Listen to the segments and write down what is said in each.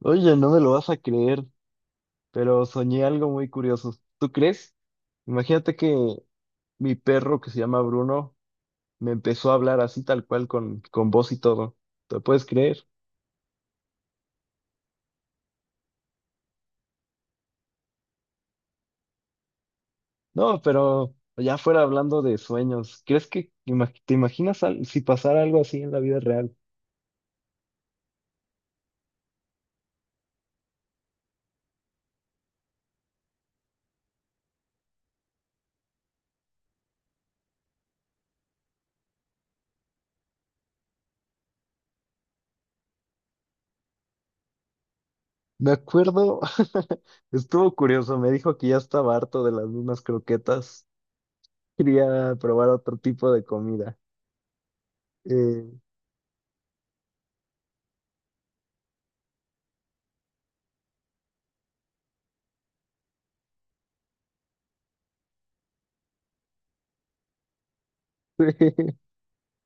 Oye, no me lo vas a creer, pero soñé algo muy curioso. ¿Tú crees? Imagínate que mi perro, que se llama Bruno, me empezó a hablar, así tal cual, con voz y todo. ¿Te puedes creer? No, pero ya fuera hablando de sueños, ¿crees que te imaginas si pasara algo así en la vida real? Me acuerdo, estuvo curioso, me dijo que ya estaba harto de las mismas croquetas, quería probar otro tipo de comida. Eh,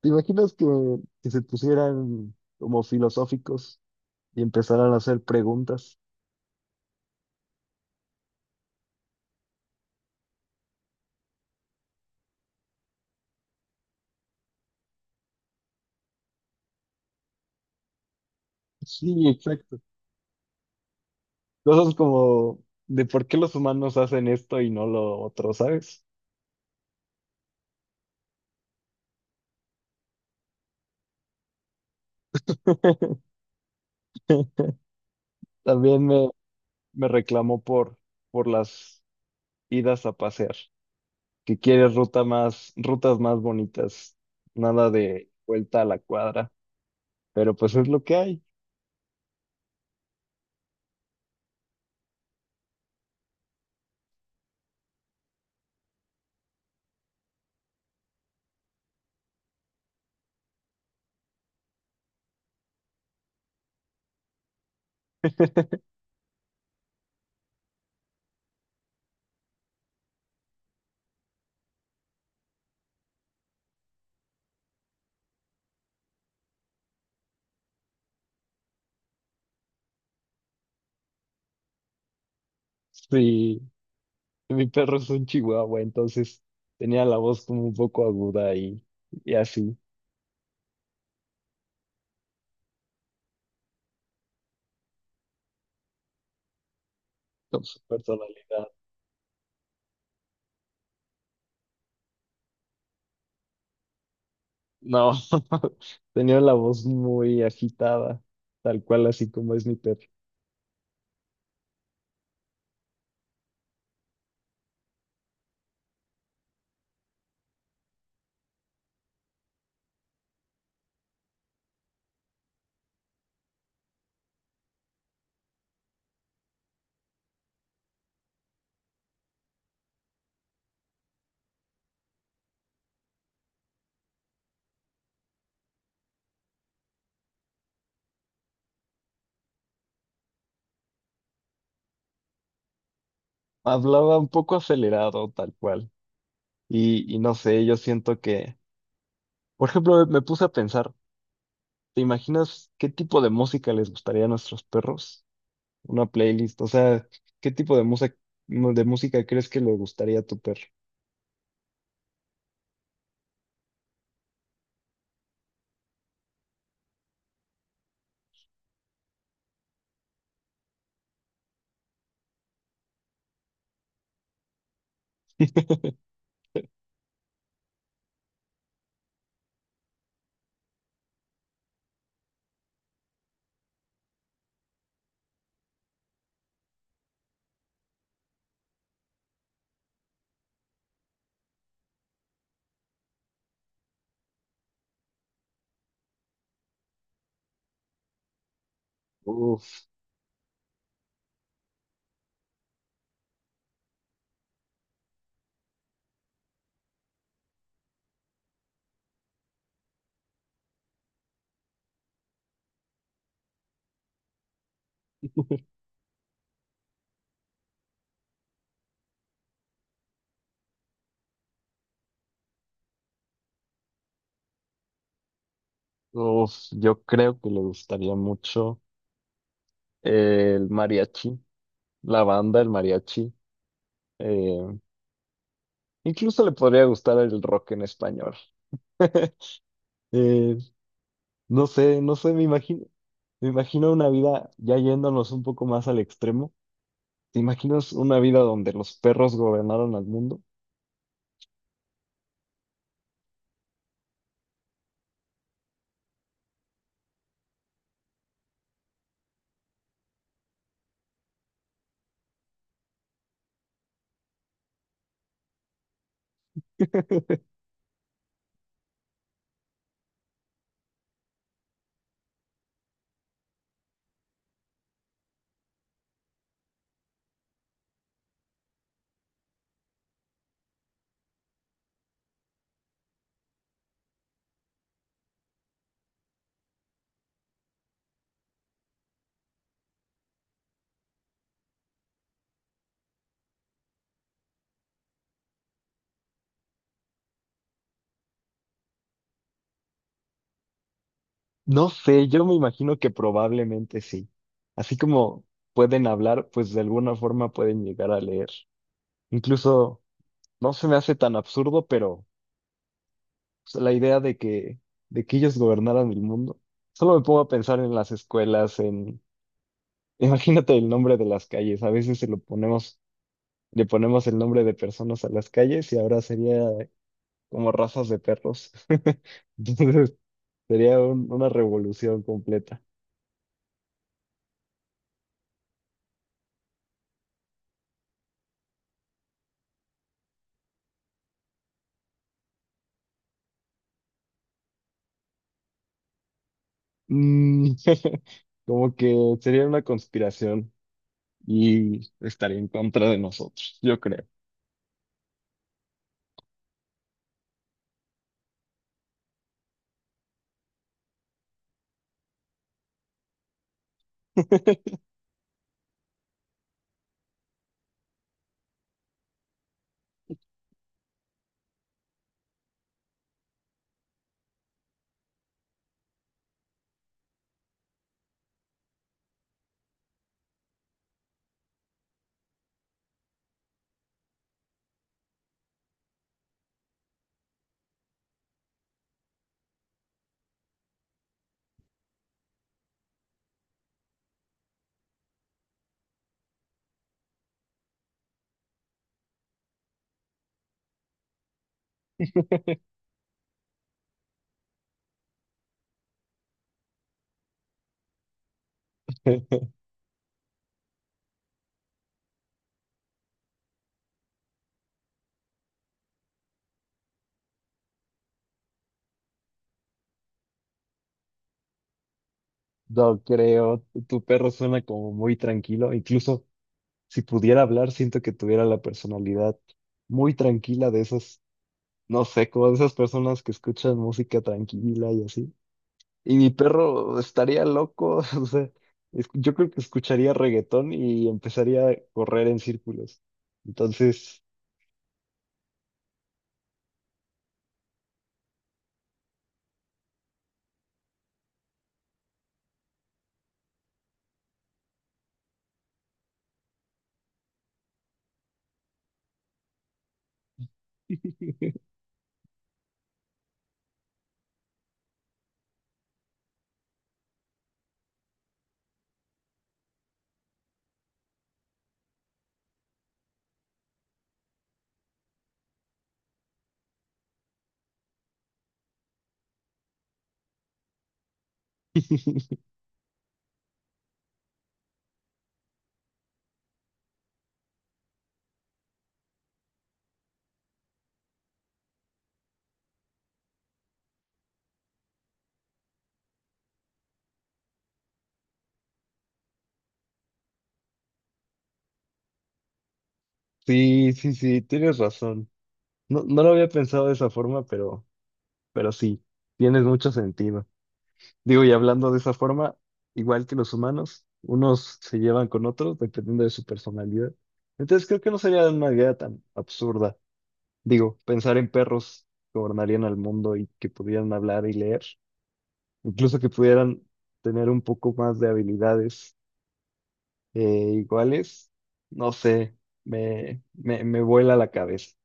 ¿Te imaginas que se pusieran como filosóficos y empezaran a hacer preguntas? Sí, exacto. Cosas como de por qué los humanos hacen esto y no lo otro, ¿sabes? También me, me reclamó por las idas a pasear, que quiere rutas más bonitas, nada de vuelta a la cuadra, pero pues es lo que hay. Sí, mi perro es un chihuahua, entonces tenía la voz como un poco aguda y así. Con su personalidad. No, tenía la voz muy agitada, tal cual así como es mi perro. Hablaba un poco acelerado, tal cual. Y no sé, yo siento que, por ejemplo, me puse a pensar, ¿te imaginas qué tipo de música les gustaría a nuestros perros? Una playlist, o sea, ¿qué tipo de música crees que le gustaría a tu perro? Uf, uf, yo creo que le gustaría mucho el mariachi, la banda, el mariachi. eh, Incluso le podría gustar el rock en español. Eh, no sé, me imagino una vida ya yéndonos un poco más al extremo. ¿Te imaginas una vida donde los perros gobernaron al mundo? No sé, yo me imagino que probablemente sí. Así como pueden hablar, pues de alguna forma pueden llegar a leer. Incluso no se me hace tan absurdo, pero pues, la idea de que ellos gobernaran el mundo. Solo me pongo a pensar en las escuelas, en. Imagínate el nombre de las calles. A veces le ponemos el nombre de personas a las calles y ahora sería como razas de perros. Entonces sería una revolución completa. Mm, como que sería una conspiración y estaría en contra de nosotros, yo creo. No creo, tu perro suena como muy tranquilo, incluso si pudiera hablar, siento que tuviera la personalidad muy tranquila de esos, no sé, como de esas personas que escuchan música tranquila y así. Y mi perro estaría loco, o sea, yo creo que escucharía reggaetón y empezaría a correr en círculos. Entonces, sí, sí, sí, tienes razón. No, no lo había pensado de esa forma, pero sí, tienes mucho sentido. Digo, y hablando de esa forma, igual que los humanos, unos se llevan con otros dependiendo de su personalidad. Entonces creo que no sería una idea tan absurda. Digo, pensar en perros que gobernarían al mundo y que pudieran hablar y leer, incluso que pudieran tener un poco más de habilidades, eh, iguales, no sé, me vuela la cabeza.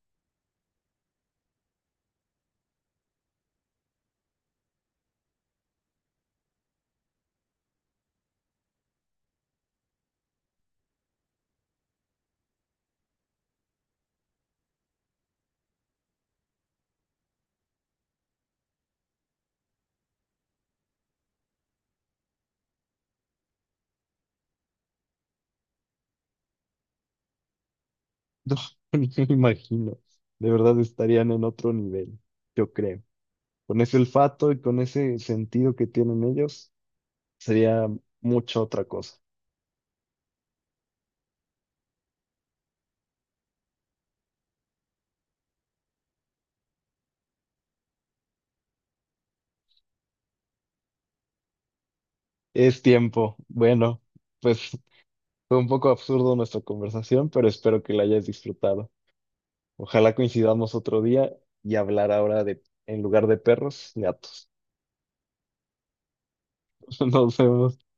No, ni me imagino. De verdad estarían en otro nivel, yo creo. Con ese olfato y con ese sentido que tienen ellos, sería mucha otra cosa. Es tiempo. Bueno, pues fue un poco absurdo nuestra conversación, pero espero que la hayas disfrutado. Ojalá coincidamos otro día y hablar ahora de, en lugar de perros, gatos. Nos vemos.